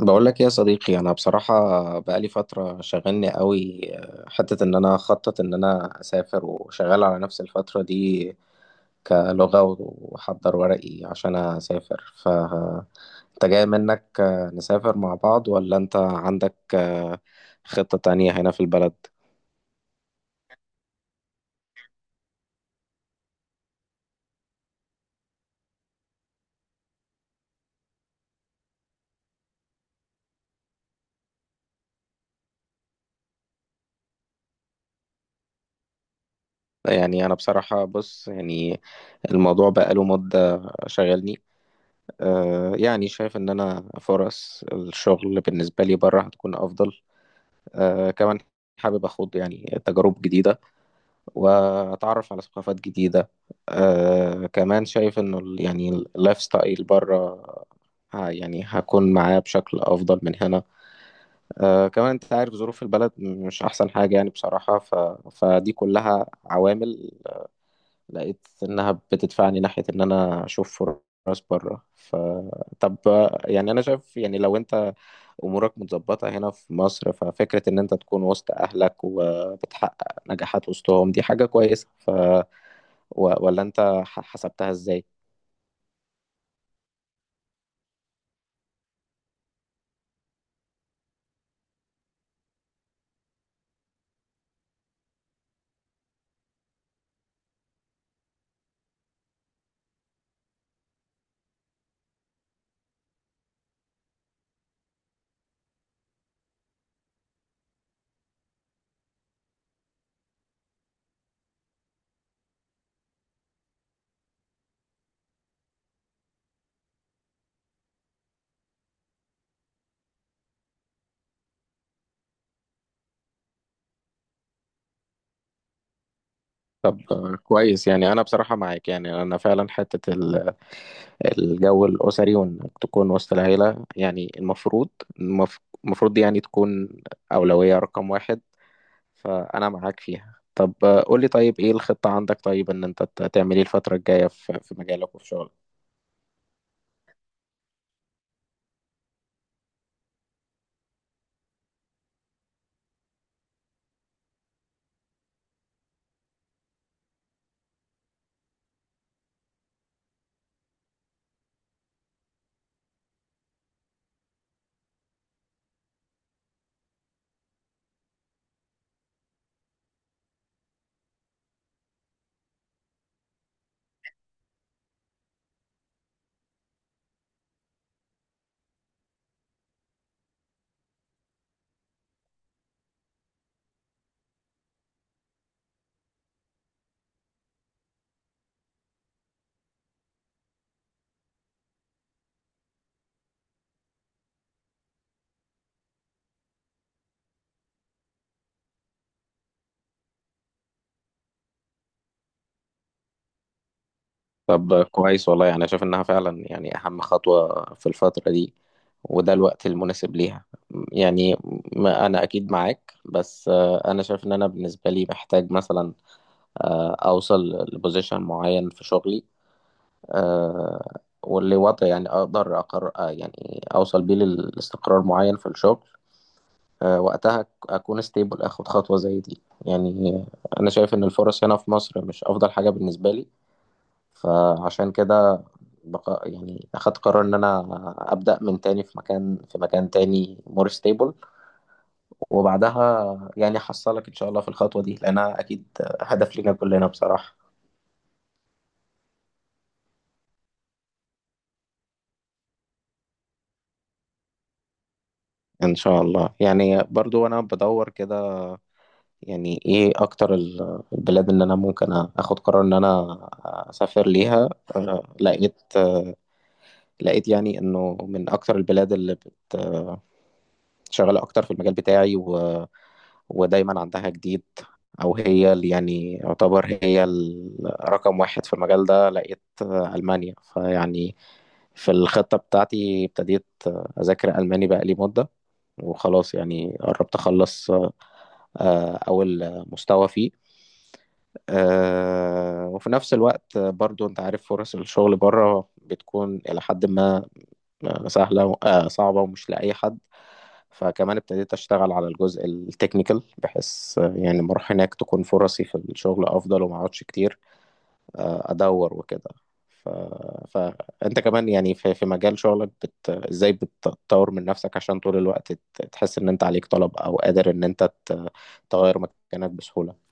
بقول لك إيه يا صديقي، انا بصراحه بقالي فتره شغلني قوي. حته ان انا اخطط ان انا اسافر وشغال على نفس الفتره دي كلغه واحضر ورقي عشان اسافر. انت جاي منك نسافر مع بعض ولا انت عندك خطه تانية هنا في البلد؟ يعني انا بصراحه بص يعني الموضوع بقاله مده شغلني. يعني شايف ان انا فرص الشغل بالنسبه لي بره هتكون افضل. كمان حابب أخوض يعني تجارب جديدة وأتعرف على ثقافات جديدة. كمان شايف إنه يعني اللايف ستايل بره يعني هكون معاه بشكل أفضل من هنا. كمان أنت عارف ظروف البلد مش أحسن حاجة يعني بصراحة، فدي كلها عوامل لقيت إنها بتدفعني ناحية إن أنا أشوف فرص بره. طب يعني أنا شايف يعني لو أنت امورك متظبطه هنا في مصر ففكره ان انت تكون وسط اهلك وبتحقق نجاحات وسطهم دي حاجه كويسه. ولا انت حسبتها ازاي؟ طب كويس يعني انا بصراحه معاك، يعني انا فعلا حته الجو الاسري وانك تكون وسط العيله يعني المفروض المف- المفروض دي يعني تكون اولويه رقم واحد، فانا معاك فيها. طب قولي طيب ايه الخطه عندك؟ طيب ان انت تعمل ايه الفتره الجايه في مجالك وفي شغلك؟ طب كويس والله، يعني شايف انها فعلا يعني اهم خطوة في الفترة دي وده الوقت المناسب ليها يعني. ما انا اكيد معاك بس انا شايف ان انا بالنسبة لي محتاج مثلا اوصل لبوزيشن معين في شغلي، واللي وضع يعني اقدر اقرر يعني اوصل بيه للاستقرار معين في الشغل. وقتها اكون ستيبل اخد خطوة زي دي يعني. انا شايف ان الفرص هنا في مصر مش افضل حاجة بالنسبة لي، فعشان كده يعني اخدت قرار ان انا ابدا من تاني في مكان تاني مور ستيبل، وبعدها يعني احصلك ان شاء الله في الخطوه دي لانها اكيد هدف لينا كلنا بصراحه. ان شاء الله يعني. برضو انا بدور كده يعني ايه اكتر البلاد اللي انا ممكن اخد قرار ان انا اسافر ليها. لقيت يعني انه من اكتر البلاد اللي شغالة أكتر في المجال بتاعي ودايما عندها جديد، أو هي اللي يعني يعتبر هي رقم واحد في المجال ده، لقيت ألمانيا. فيعني في الخطة بتاعتي ابتديت أذاكر ألماني بقالي مدة وخلاص يعني قربت أخلص أول مستوى فيه. وفي نفس الوقت برضو أنت عارف فرص الشغل بره بتكون إلى حد ما سهلة، صعبة ومش لأي حد. فكمان ابتديت أشتغل على الجزء التكنيكال بحيث يعني ما أروح هناك تكون فرصي في الشغل أفضل وما أقعدش كتير أدور وكده. ف... فأنت كمان يعني في مجال شغلك إزاي بتطور من نفسك عشان طول الوقت تحس إن أنت عليك طلب أو قادر إن أنت تغير مكانك بسهولة؟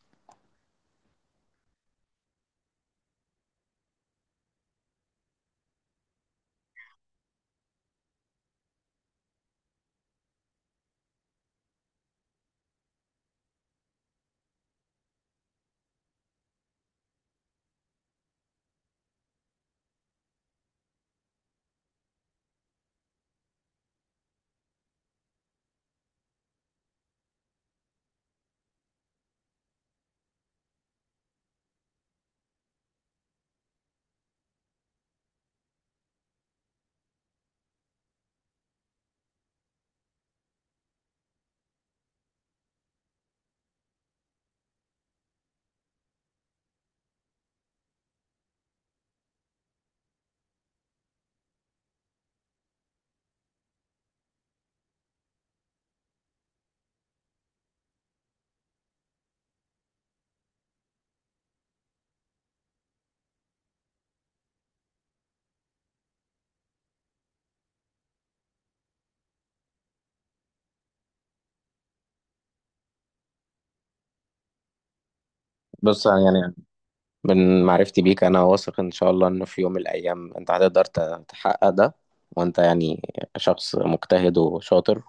بص يعني من معرفتي بيك انا واثق ان شاء الله انه في يوم من الايام انت هتقدر تحقق ده، وانت يعني شخص مجتهد وشاطر،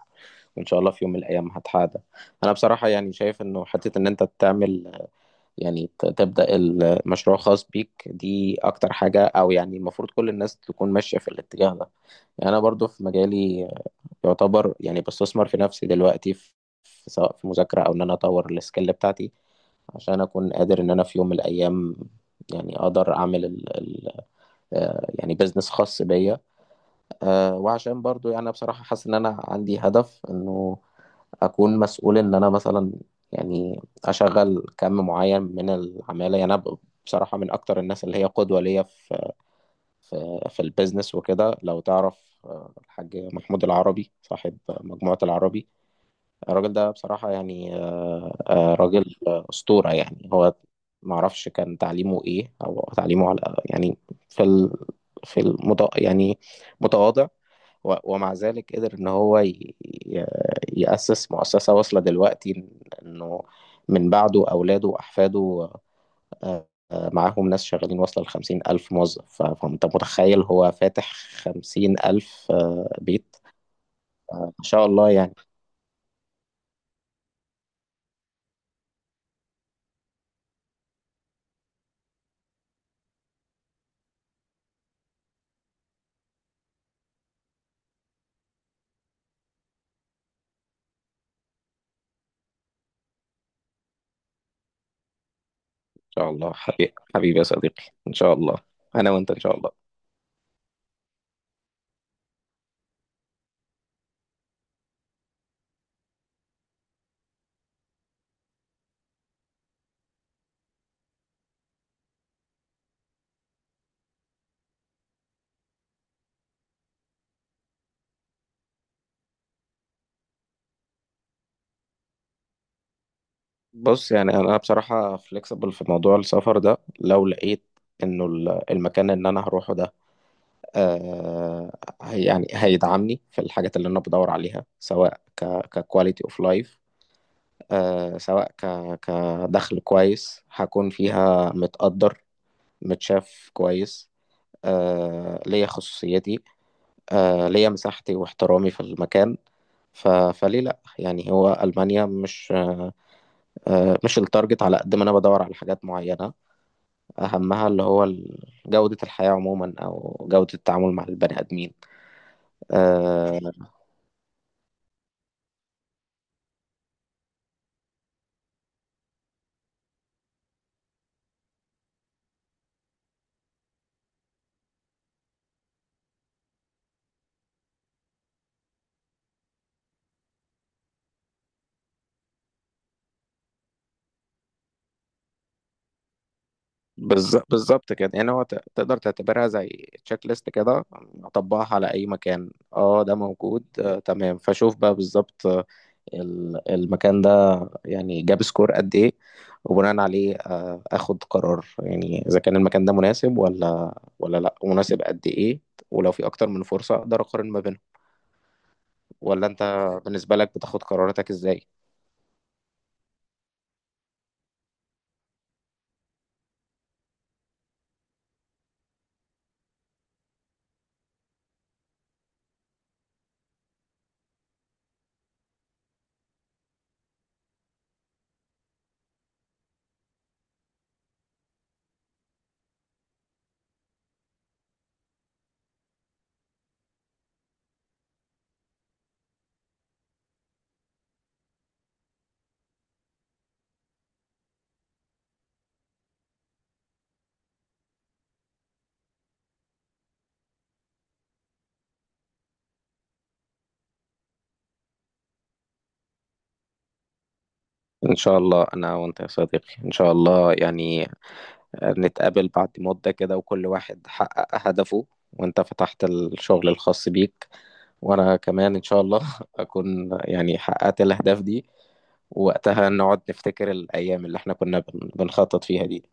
وان شاء الله في يوم من الايام هتحقق ده. انا بصراحة يعني شايف انه حتة ان انت تعمل يعني تبدأ المشروع خاص بيك دي اكتر حاجة، او يعني المفروض كل الناس تكون ماشية في الاتجاه ده. يعني انا برضو في مجالي يعتبر يعني بستثمر في نفسي دلوقتي في، سواء في مذاكرة او ان انا اطور السكيل بتاعتي، عشان اكون قادر ان انا في يوم من الايام يعني اقدر اعمل ال ال يعني بزنس خاص بيا. وعشان برضو يعني أنا بصراحة حاسس ان انا عندي هدف انه اكون مسؤول ان انا مثلا يعني اشغل كم معين من العمالة. يعني انا بصراحة من اكتر الناس اللي هي قدوة ليا في في البيزنس وكده، لو تعرف الحاج محمود العربي صاحب مجموعة العربي. الراجل ده بصراحة يعني راجل أسطورة يعني. هو معرفش كان تعليمه إيه أو تعليمه على يعني، في ال... في المت... يعني متواضع، ومع ذلك قدر إن هو يأسس مؤسسة واصلة دلوقتي إنه من بعده أولاده وأحفاده معاهم ناس شغالين واصلة لـ50,000 موظف. فأنت متخيل هو فاتح 50,000 بيت. ما شاء الله يعني. شاء الله حبيبي حبيبي يا صديقي، ان شاء الله. انا وانت ان شاء الله. بص يعني انا بصراحه فليكسبل في موضوع السفر ده، لو لقيت انه المكان اللي انا هروحه ده، يعني هيدعمني في الحاجات اللي انا بدور عليها، سواء ككواليتي اوف لايف، سواء كدخل كويس هكون فيها متقدر متشاف كويس، ليا خصوصيتي، ليا مساحتي واحترامي في المكان. فليه لا يعني. هو ألمانيا مش مش التارجت، على قد ما أنا بدور على حاجات معينة أهمها اللي هو جودة الحياة عموما أو جودة التعامل مع البني آدمين. آه بالظبط كده، يعني هو تقدر تعتبرها زي تشيك ليست كده، أطبقها على أي مكان، ده موجود، تمام. فشوف بقى بالظبط المكان ده يعني جاب سكور قد ايه، وبناء عليه اخد قرار، يعني اذا كان المكان ده مناسب ولا لا ومناسب قد ايه، ولو في اكتر من فرصة اقدر اقارن ما بينهم. ولا انت بالنسبة لك بتاخد قراراتك ازاي؟ ان شاء الله انا وانت يا صديقي، ان شاء الله يعني نتقابل بعد مدة كده وكل واحد حقق هدفه، وانت فتحت الشغل الخاص بيك وانا كمان ان شاء الله اكون يعني حققت الاهداف دي، ووقتها نقعد نفتكر الايام اللي احنا كنا بنخطط فيها دي.